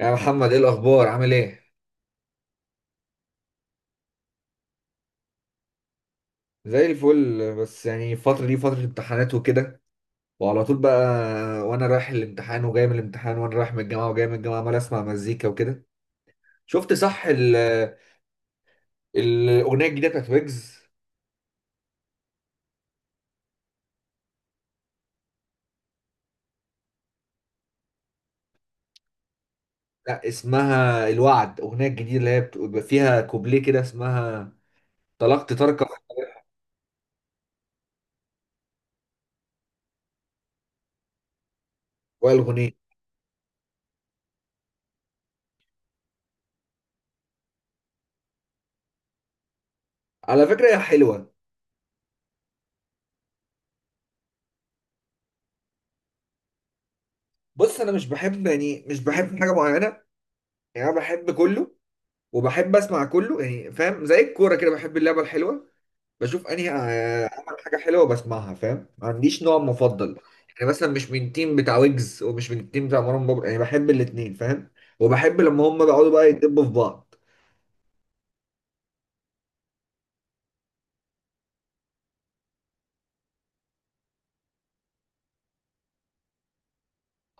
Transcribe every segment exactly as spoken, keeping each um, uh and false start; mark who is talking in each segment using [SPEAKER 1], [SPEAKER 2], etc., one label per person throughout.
[SPEAKER 1] يا محمد ايه الاخبار؟ عامل ايه؟ زي الفل، بس يعني الفتره دي فتره امتحانات وكده، وعلى طول بقى وانا رايح الامتحان وجاي من الامتحان وانا رايح من الجامعه وجاي من الجامعه عمال اسمع مزيكا وكده. شفت صح ال- الاغنيه الجديده بتاعت ويجز؟ لا، اسمها الوعد، اغنيه جديده اللي هي بتبقى فيها كوبليه كده، اسمها طلقت تركة والغنيه. على فكره هي حلوه. بص، انا مش بحب يعني، مش بحب حاجه معينه، يعني انا بحب كله وبحب اسمع كله، يعني فاهم؟ زي الكوره كده، بحب اللعبه الحلوه، بشوف انهي آه، عمل حاجه حلوه بسمعها، فاهم؟ ما عنديش نوع مفضل. يعني مثلا مش من تيم بتاع ويجز ومش من التيم بتاع مروان بابلو، يعني بحب الاتنين فاهم، وبحب لما هم بيقعدوا بقى يدبوا في بعض.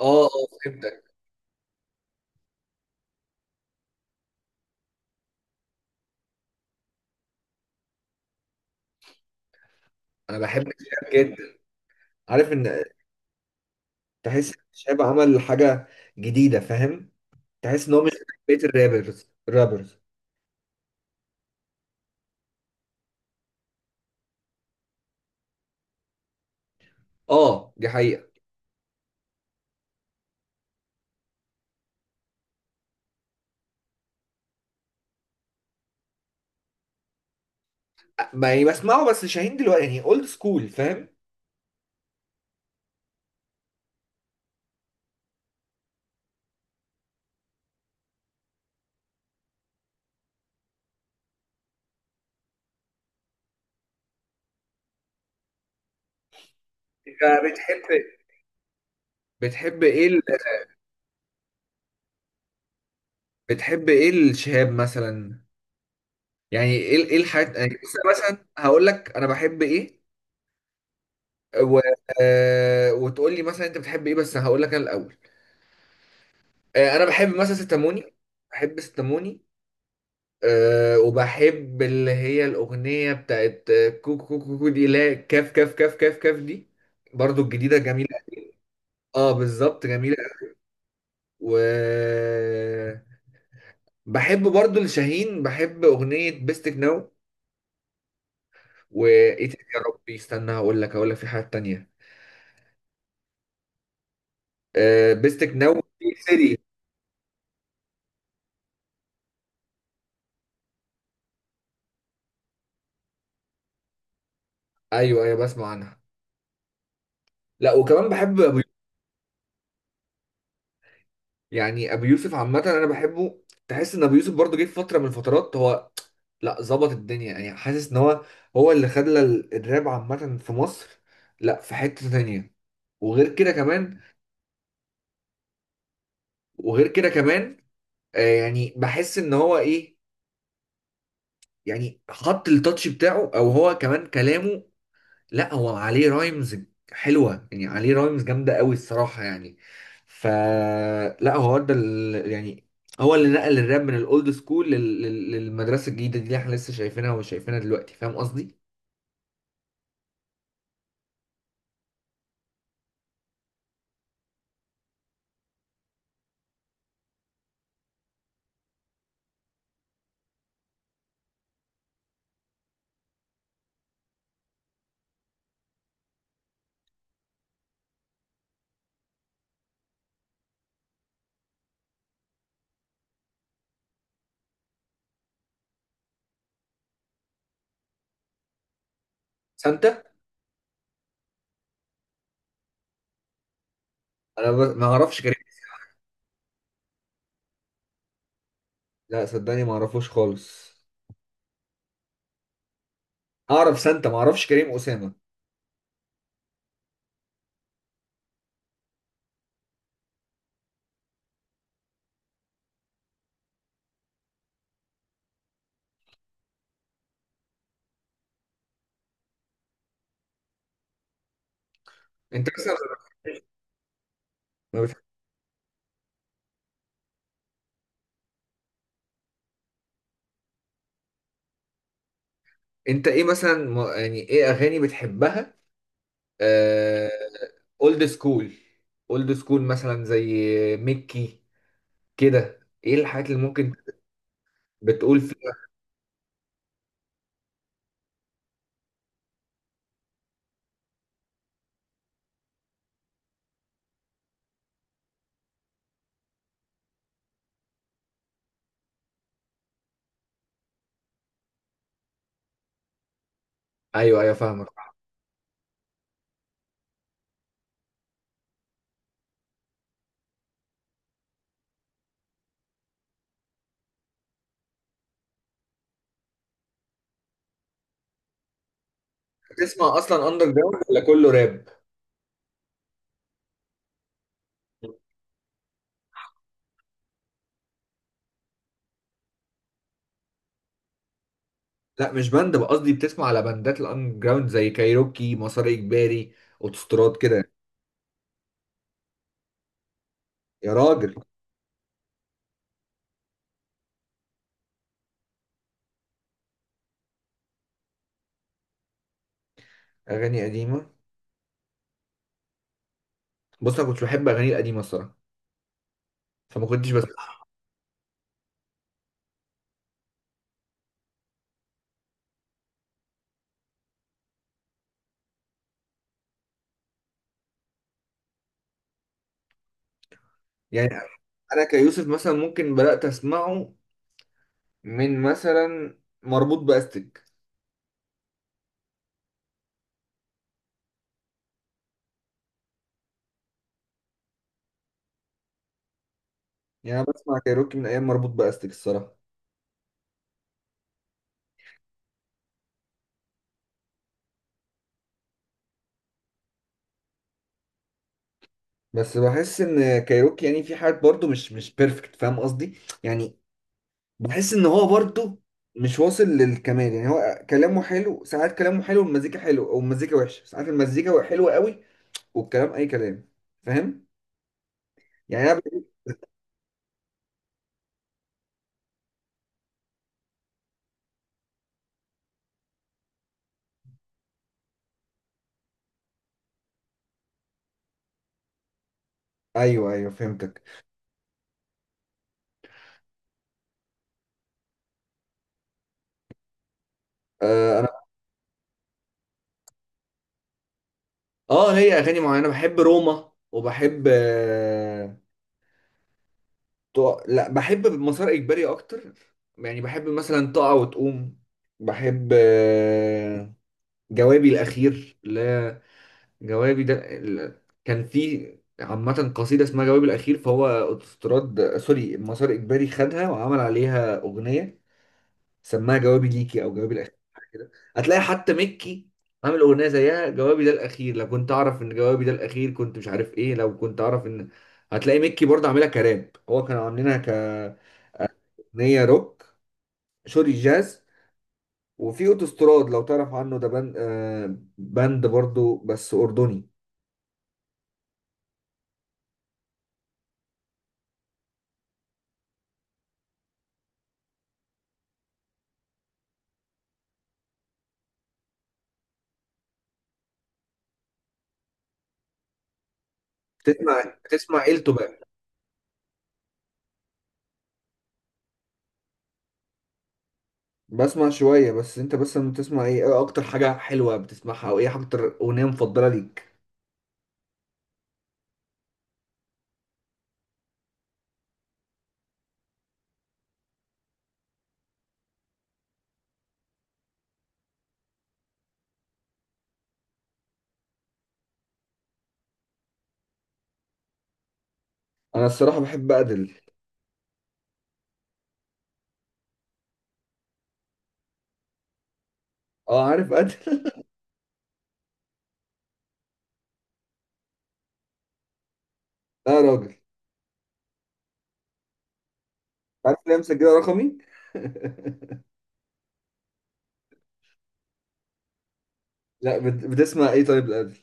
[SPEAKER 1] اه اه، فهمتك. انا بحب الشاب جدا. عارف ان تحس إن الشاب عمل حاجه جديده، فاهم؟ تحس ان هو مش بقية الرابرز الرابرز. اه دي حقيقه. ما يعني بسمعه، بس شاهين دلوقتي يعني اولد سكول، فاهم؟ انت بتحب بتحب ايه ال... بتحب ايه الشهاب مثلا؟ يعني ايه ايه الحاجات يعني؟ لسه مثلا هقول لك انا بحب ايه و... آه، وتقول لي مثلا انت بتحب ايه، بس هقول لك انا الاول. آه، انا بحب مثلا ستاموني، بحب ستاموني. أه، وبحب اللي هي الأغنية بتاعت آه، كوكو كوكو كوكو دي، لا كاف كاف كاف كاف كاف دي، برضو الجديدة جميلة. اه بالظبط، جميلة. و بحب برضو لشاهين، بحب أغنية بيستك ناو. وإيه تاني يا ربي، استنى، هقول لك هقول لك في حاجة تانية. آه، بيستك ناو سيري. ايوه ايوه، بسمع عنها. لا، وكمان بحب ابو يوسف. يعني ابو يوسف عامه انا بحبه. تحس ان ابو يوسف برضه جه في فتره من الفترات هو. لا، ظبط الدنيا يعني، حاسس ان هو هو اللي خلى ال- الراب عامه في مصر. لا في حته تانية، وغير كده كمان، وغير كده كمان. آه يعني بحس ان هو ايه، يعني حط التاتش بتاعه، او هو كمان كلامه. لا هو عليه رايمز حلوه، يعني عليه رايمز جامده قوي الصراحه يعني. ف لا هو ده ال... يعني هو اللي نقل الراب من الاولد سكول لل... لل- للمدرسه الجديده دي اللي احنا لسه شايفينها وشايفينها دلوقتي، فاهم قصدي؟ سانتا. انا ب... ما اعرفش كريم. لا صدقني، ما اعرفوش خالص. اعرف سانتا، ما اعرفش كريم اسامه. انت مثلا ما بتح... انت ايه مثلا ما- يعني ايه اغاني بتحبها؟ آه، اولد سكول، اولد سكول مثلا زي ميكي كده، ايه الحاجات اللي ممكن بتقول فيها؟ ايوه ايوه، فاهمك. بتسمع اصلا اندر جراوند ولا كله راب؟ لا مش باند بقى، قصدي بتسمع على باندات الاندر جراوند زي كايروكي، مسار اجباري، اوتوستراد كده. يا راجل. اغاني قديمه. بص انا كنت بحب اغاني القديمه الصراحه، فما كنتش بس. يعني انا كيوسف مثلا ممكن بدات اسمعه من مثلا مربوط باستك. يعني انا بسمع كايروكي من ايام مربوط باستك الصراحه. بس بحس ان كايروكي يعني في حاجات برضو مش مش بيرفكت، فاهم قصدي؟ يعني بحس ان هو برضه مش واصل للكمال، يعني هو كلامه حلو ساعات، كلامه حلو والمزيكا حلو، او المزيكا وحشه، ساعات المزيكا حلوه قوي والكلام اي كلام، فاهم؟ يعني انا بحب... ايوه ايوه، فهمتك. آه انا اه، هي اغاني معينه، بحب روما وبحب آه... طو... لا بحب مسار اجباري اكتر، يعني بحب مثلا تقع وتقوم، بحب آه... جوابي الاخير. لا، جوابي ده ال- كان في عامة قصيدة اسمها جوابي الأخير، فهو أوتوستراد سوري مسار إجباري خدها وعمل عليها أغنية، سماها جوابي ليكي أو جوابي الأخير حاجة كده. هتلاقي حتى مكي عامل أغنية زيها، جوابي ده الأخير لو كنت أعرف إن جوابي ده الأخير كنت مش عارف إيه، لو كنت أعرف إن. هتلاقي مكي برضه عاملها كراب، هو كانوا عاملينها كأغنية روك، سوري جاز. وفي أوتوستراد لو تعرف عنه، ده بند آه، باند برضه بس أردني. تسمع تسمع إلتو؟ بسمع شوية، بس انت بس لما بتسمع ايه، ايه اكتر حاجة حلوة بتسمعها او ايه اكتر اغنية مفضلة ليك؟ انا الصراحة بحب ادل. اه عارف ادل لا يا راجل، عارف ليه مسجلة رقمي لا بت- بتسمع ايه طيب لادل؟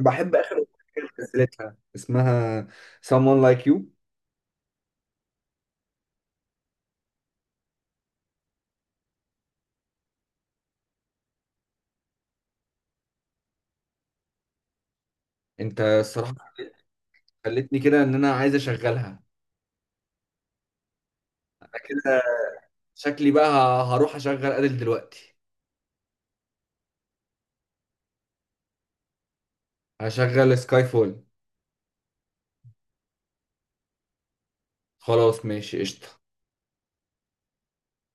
[SPEAKER 1] بحب اخر اغنية نزلتها اسمها Someone Like You. انت الصراحة خلتني كده ان انا عايز اشغلها. انا كده شكلي بقى ه- هروح اشغل ادل دلوقتي. هشغل سكاي فول. خلاص ماشي قشطة.